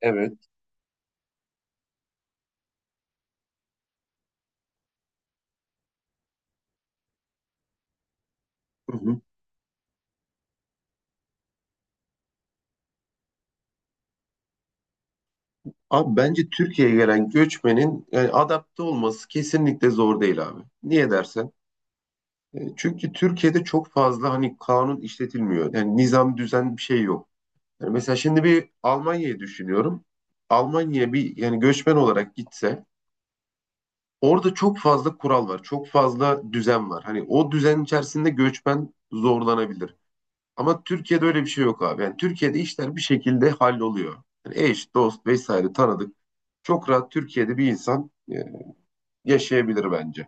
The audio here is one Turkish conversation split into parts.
Evet. Hı hı. Abi bence Türkiye'ye gelen göçmenin adapte olması kesinlikle zor değil abi. Niye dersen? Çünkü Türkiye'de çok fazla hani kanun işletilmiyor. Yani nizam düzen bir şey yok. Yani mesela şimdi bir Almanya'yı düşünüyorum. Almanya'ya bir yani göçmen olarak gitse orada çok fazla kural var. Çok fazla düzen var. Hani o düzen içerisinde göçmen zorlanabilir. Ama Türkiye'de öyle bir şey yok abi. Yani Türkiye'de işler bir şekilde halloluyor. Yani eş, dost vesaire tanıdık. Çok rahat Türkiye'de bir insan yaşayabilir bence.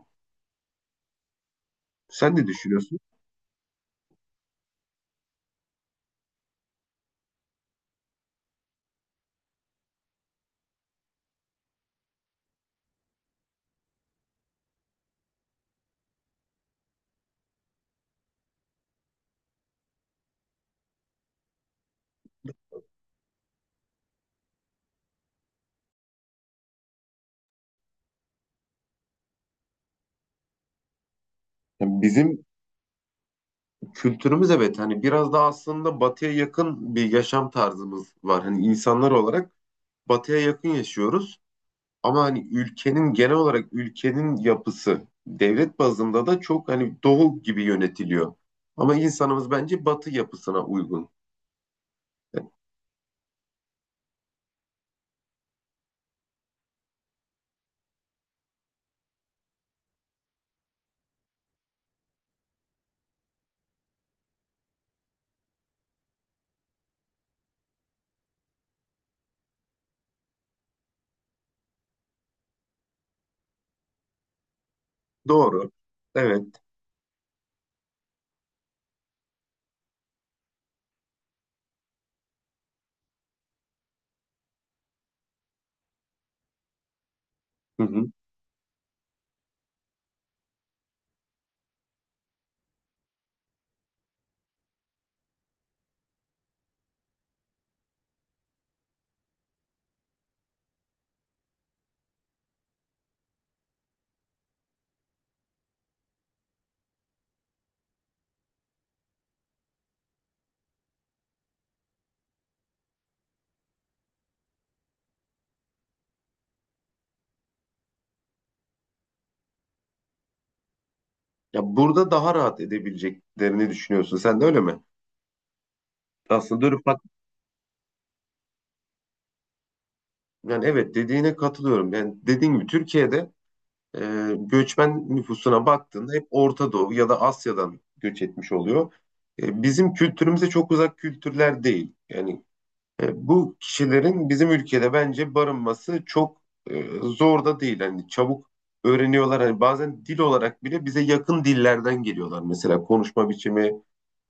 Sen ne düşünüyorsun? Yani bizim kültürümüz evet hani biraz daha aslında batıya yakın bir yaşam tarzımız var. Hani insanlar olarak batıya yakın yaşıyoruz. Ama hani ülkenin genel olarak ülkenin yapısı devlet bazında da çok hani doğu gibi yönetiliyor. Ama insanımız bence batı yapısına uygun. Doğru. Evet. Hı hı. Ya burada daha rahat edebileceklerini düşünüyorsun. Sen de öyle mi? Aslında dönüp bak yani evet dediğine katılıyorum. Yani dediğin gibi Türkiye'de göçmen nüfusuna baktığında hep Orta Doğu ya da Asya'dan göç etmiş oluyor. Bizim kültürümüze çok uzak kültürler değil. Yani bu kişilerin bizim ülkede bence barınması çok zor da değil. Hani çabuk öğreniyorlar. Hani bazen dil olarak bile bize yakın dillerden geliyorlar. Mesela konuşma biçimi,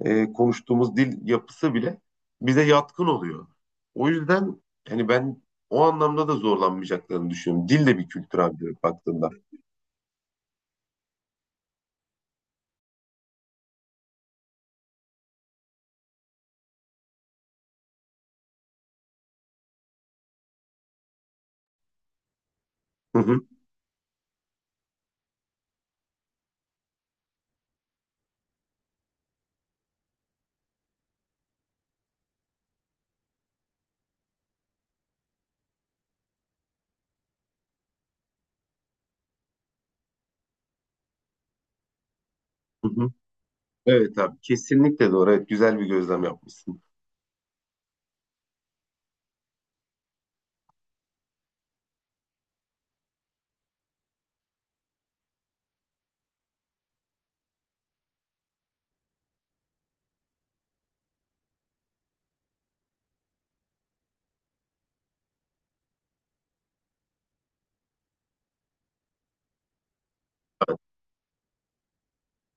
konuştuğumuz dil yapısı bile bize yatkın oluyor. O yüzden hani ben o anlamda da zorlanmayacaklarını düşünüyorum. Dil de bir kültür abi baktığında. Hı hı, hı hı. Evet abi kesinlikle doğru. Evet güzel bir gözlem yapmışsın.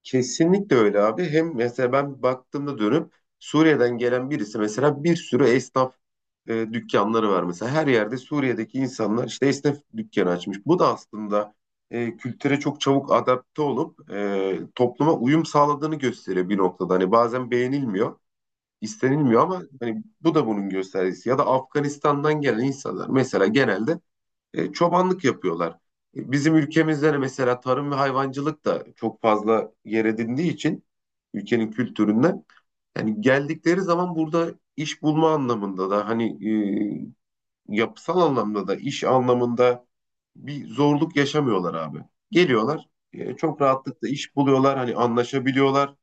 Kesinlikle öyle abi. Hem mesela ben baktığımda dönüp Suriye'den gelen birisi mesela bir sürü esnaf dükkanları var mesela. Her yerde Suriye'deki insanlar işte esnaf dükkanı açmış. Bu da aslında kültüre çok çabuk adapte olup topluma uyum sağladığını gösteriyor bir noktada. Hani bazen beğenilmiyor, istenilmiyor ama hani bu da bunun göstergesi. Ya da Afganistan'dan gelen insanlar mesela genelde çobanlık yapıyorlar. Bizim ülkemizde de mesela tarım ve hayvancılık da çok fazla yer edindiği için ülkenin kültüründen yani geldikleri zaman burada iş bulma anlamında da hani yapısal anlamda da iş anlamında bir zorluk yaşamıyorlar abi. Geliyorlar çok rahatlıkla iş buluyorlar hani anlaşabiliyorlar.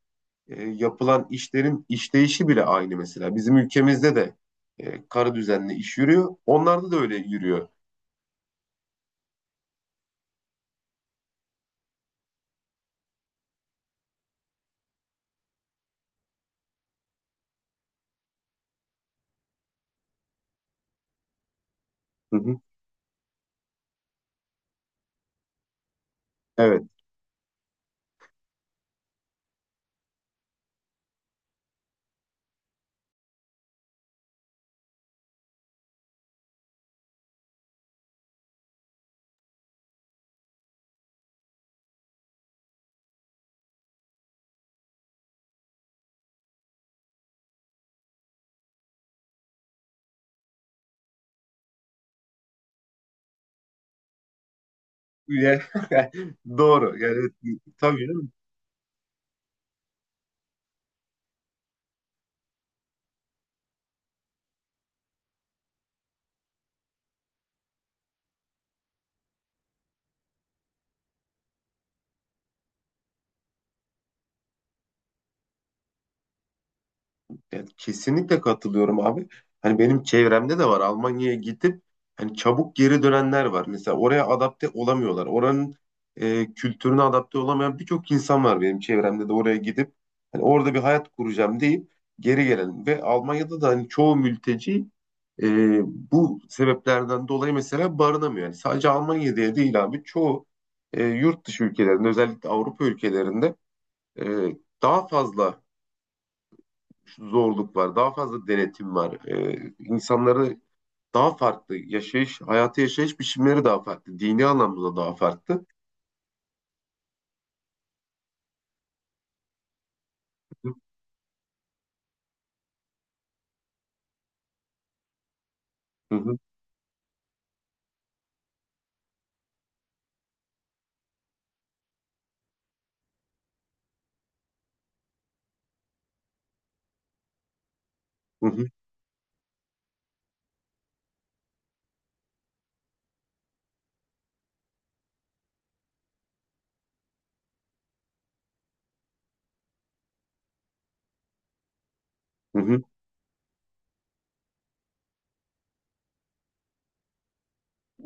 Yapılan işlerin işleyişi bile aynı mesela. Bizim ülkemizde de karı düzenli iş yürüyor. Onlarda da öyle yürüyor. Hı hı. Evet. Ya- Doğru. Yani tabii canım. Yani kesinlikle katılıyorum abi. Hani benim çevremde de var. Almanya'ya gidip hani çabuk geri dönenler var. Mesela oraya adapte olamıyorlar. Oranın kültürüne adapte olamayan birçok insan var benim çevremde de oraya gidip hani orada bir hayat kuracağım deyip geri gelen ve Almanya'da da hani çoğu mülteci e, bu sebeplerden dolayı mesela barınamıyor. Yani sadece Almanya diye değil abi. Çoğu yurt dışı ülkelerinde özellikle Avrupa ülkelerinde e, daha fazla zorluk var, daha fazla denetim var. İnsanları daha farklı yaşayış, hayatı yaşayış biçimleri daha farklı. Dini anlamda daha farklı. Hı hı, hı hı, hı hı.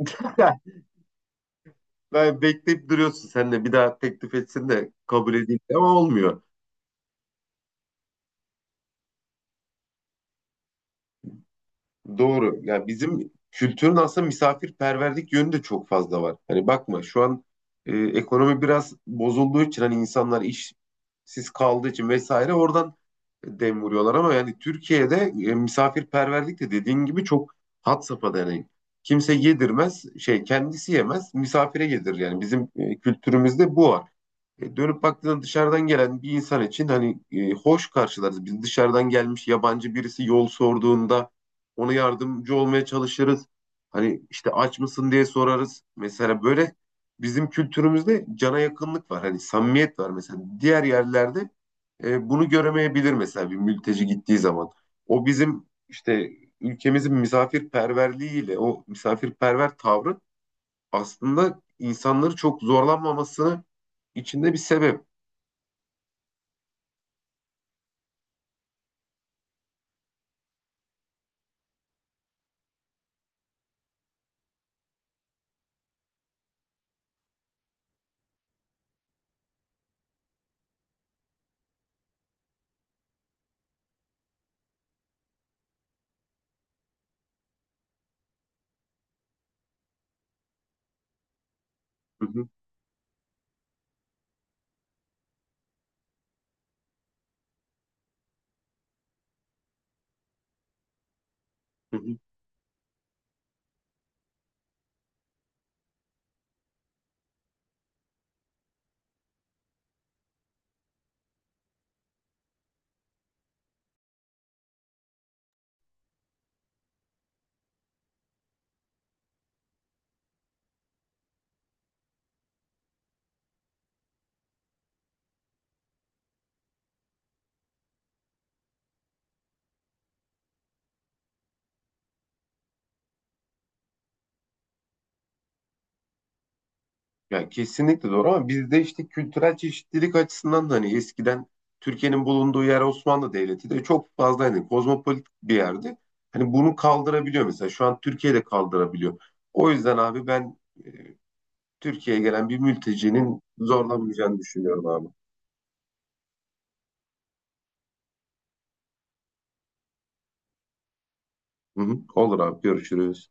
Ben bekleyip duruyorsun sen de bir daha teklif etsin de kabul edeyim ama olmuyor. Doğru. Yani bizim kültürün aslında misafirperverlik yönü de çok fazla var. Hani bakma şu an ekonomi biraz bozulduğu için hani insanlar işsiz kaldığı için vesaire oradan dem vuruyorlar ama yani Türkiye'de misafirperverlik de dediğin gibi çok had safhada yani. Kimse yedirmez, şey kendisi yemez, misafire yedirir yani. Bizim kültürümüzde bu var. Dönüp baktığında dışarıdan gelen bir insan için hani hoş karşılarız. Biz dışarıdan gelmiş yabancı birisi yol sorduğunda ona yardımcı olmaya çalışırız. Hani işte aç mısın diye sorarız. Mesela böyle bizim kültürümüzde cana yakınlık var. Hani samimiyet var mesela. Diğer yerlerde bunu göremeyebilir mesela bir mülteci gittiği zaman. O bizim işte ülkemizin misafirperverliğiyle o misafirperver tavrı aslında insanları çok zorlanmamasını içinde bir sebep. Hı hı, hı hı. Ya kesinlikle doğru ama bizde işte kültürel çeşitlilik açısından da hani eskiden Türkiye'nin bulunduğu yer Osmanlı Devleti de çok fazla hani kozmopolit bir yerdi. Hani bunu kaldırabiliyor mesela şu an Türkiye de kaldırabiliyor. O yüzden abi ben e, Türkiye'ye gelen bir mültecinin zorlanmayacağını düşünüyorum abi. Hı hı, olur abi görüşürüz.